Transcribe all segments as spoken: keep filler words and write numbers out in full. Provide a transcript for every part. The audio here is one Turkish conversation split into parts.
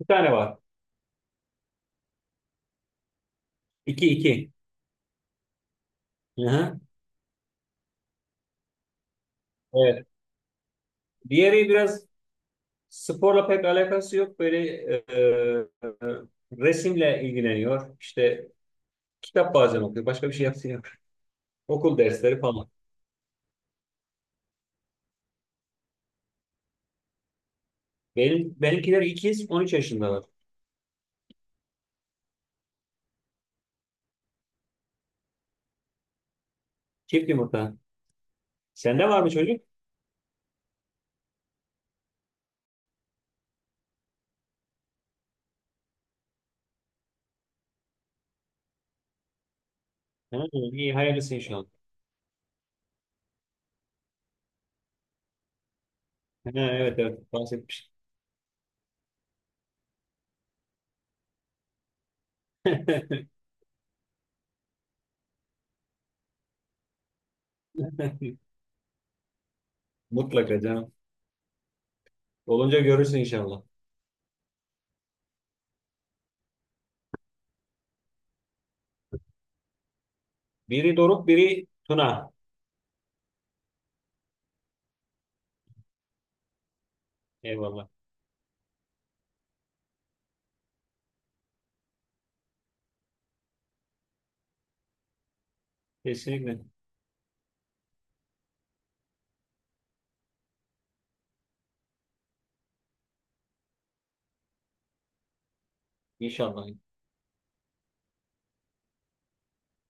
Bir tane var. İki iki. Hı hı. Evet. Diğeri biraz sporla pek alakası yok. Böyle e, e, resimle ilgileniyor. İşte kitap bazen okuyor. Başka bir şey yapmıyor. Okul dersleri falan. Benim, benimkiler ikiz on üç yaşındalar. Çift yumurta. Sende var mı çocuk? Ha, iyi hayırlısı inşallah. Ha, evet evet bahsetmiş. Mutlaka canım. Olunca görürsün inşallah. Biri Doruk, biri Tuna. Eyvallah. Kesinlikle. İnşallah.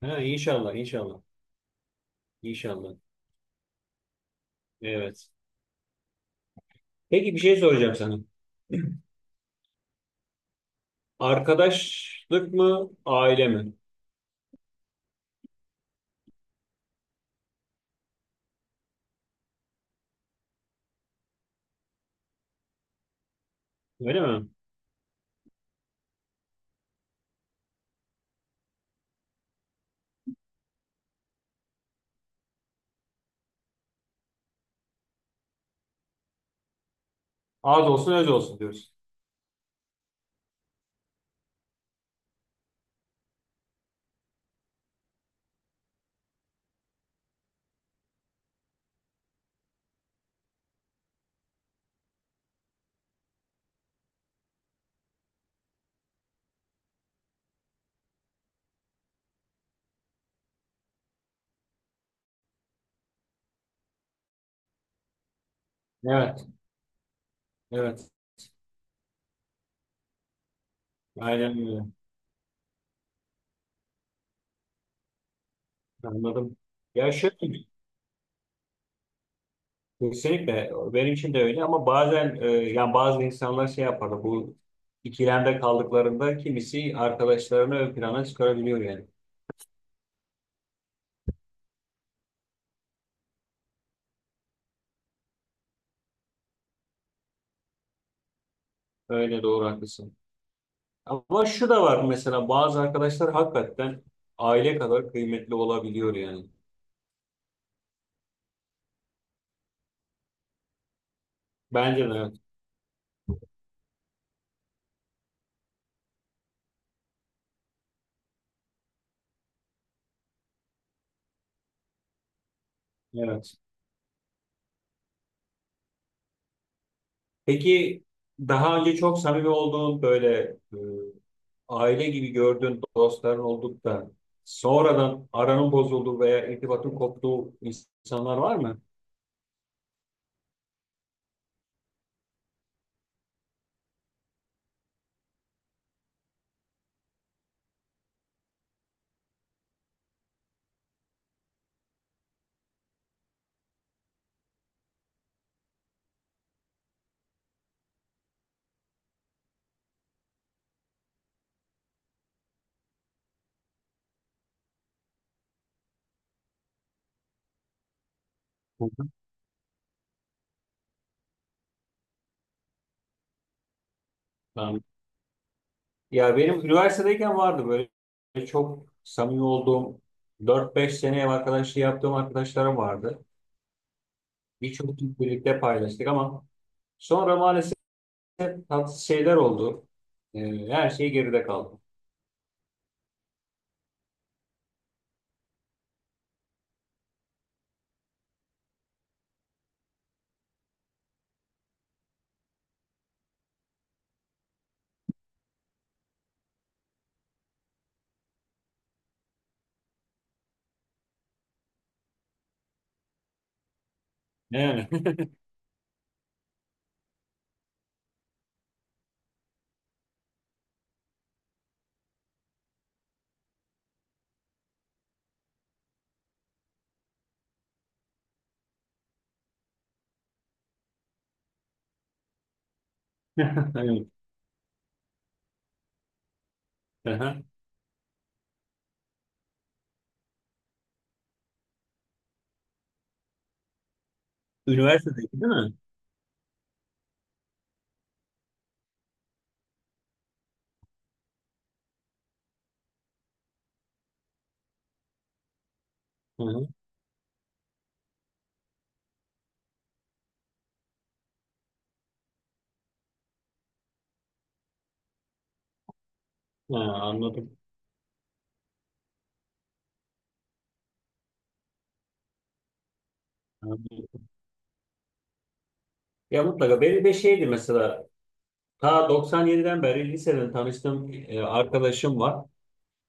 Ha, inşallah, inşallah. İnşallah. Evet. Peki bir şey soracağım sana. Arkadaşlık mı, aile mi? Öyle mi? Az olsun öz olsun diyoruz. Evet, evet. Aynen öyle. Anladım. Ya şöyle, kesinlikle benim için de öyle ama bazen e, yani bazı insanlar şey yapar bu ikilemde kaldıklarında kimisi arkadaşlarını ön plana çıkarabiliyor yani. Öyle doğru haklısın. Ama şu da var mesela bazı arkadaşlar hakikaten aile kadar kıymetli olabiliyor yani. Bence de evet. Evet. Peki daha önce çok samimi olduğun böyle e, aile gibi gördüğün dostların olduk da sonradan aranın bozulduğu veya irtibatın koptuğu insanlar var mı? Hı hı. Ben- ya benim üniversitedeyken vardı böyle çok samimi olduğum dört beş sene ev arkadaşlığı yaptığım arkadaşlarım vardı. Birçok gün birlikte paylaştık ama sonra maalesef tatsız şeyler oldu. E, her şey geride kaldı. Yani. Evet. Üniversitedeki değil mi? Hı hı. Ha, anladım. Anladım. Ya mutlaka benim de şeydi mesela ta doksan yediden beri liseden tanıştığım e, arkadaşım var.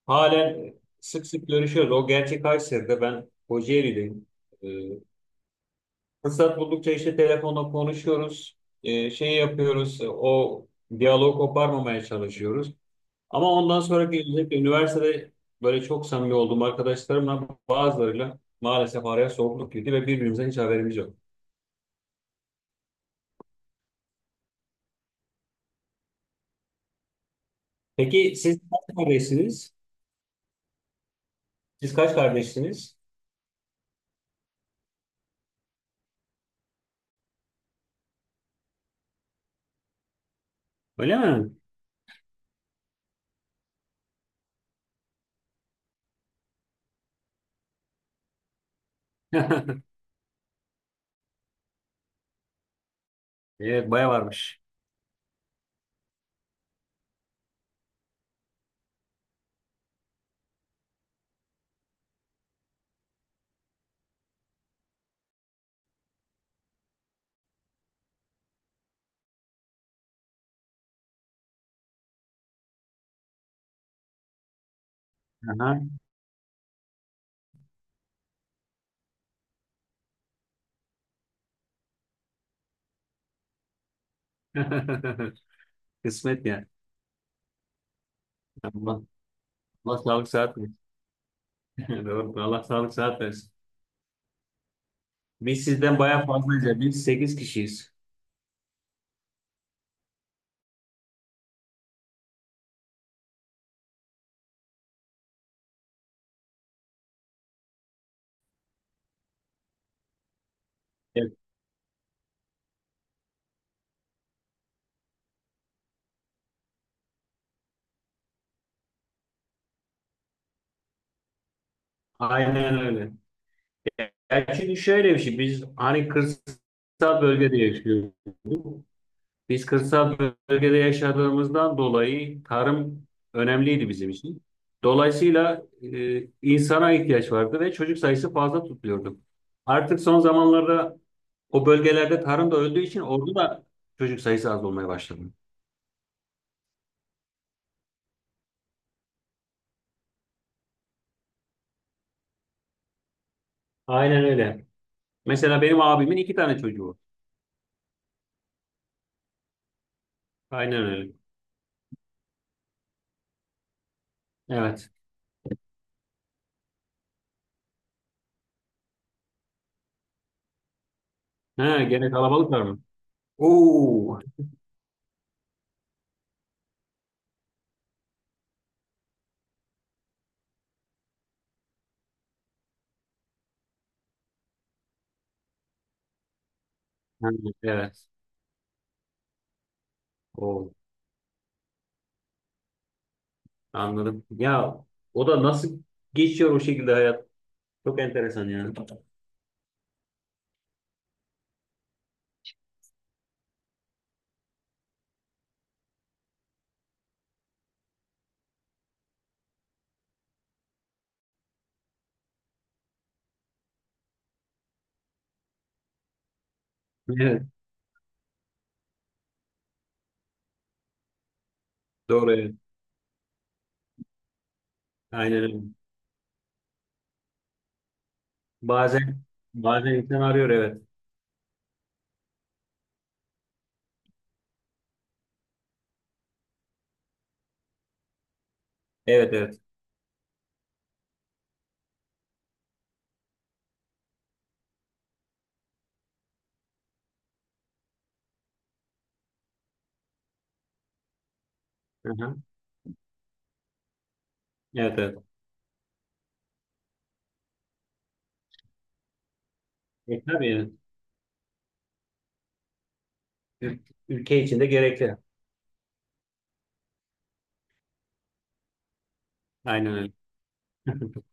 Halen sık sık görüşüyoruz. O gerçek Kayseri'de ben Kocaeli'deyim. E, fırsat buldukça işte telefonla konuşuyoruz. E, şey yapıyoruz. e, O diyaloğu koparmamaya çalışıyoruz. Ama ondan sonraki özellikle üniversitede böyle çok samimi olduğum arkadaşlarımla bazılarıyla maalesef araya soğukluk girdi ve birbirimizden hiç haberimiz yok. Peki siz kaç kardeşsiniz? Siz kaç kardeşsiniz? Öyle mi? Evet, baya varmış. Aha. Kısmet ya. Allah, Allah sağlık sıhhat versin. Doğru. Allah sağlık sıhhat versin. Biz sizden baya fazlayız. Biz sekiz kişiyiz. Evet, aynen öyle. Ya çünkü şöyle bir şey. Biz hani kırsal bölgede yaşıyoruz. Biz kırsal bölgede yaşadığımızdan dolayı tarım önemliydi bizim için. Dolayısıyla e, insana ihtiyaç vardı ve çocuk sayısı fazla tutuluyordu. Artık son zamanlarda o bölgelerde tarım da öldüğü için orada da çocuk sayısı az olmaya başladı. Aynen öyle. Mesela benim abimin iki tane çocuğu var. Aynen öyle. Evet. Ha, gene kalabalıklar mı? Oo. Ha, evet. Oo. Anladım. Ya o da nasıl geçiyor o şekilde hayat? Çok enteresan yani. Evet, doğru evet. Aynen öyle. Bazen bazen insan arıyor evet. Evet evet. Hı hı. Evet evet. E, tabii evet. Ül- Ülke içinde gerekli. Aynen öyle.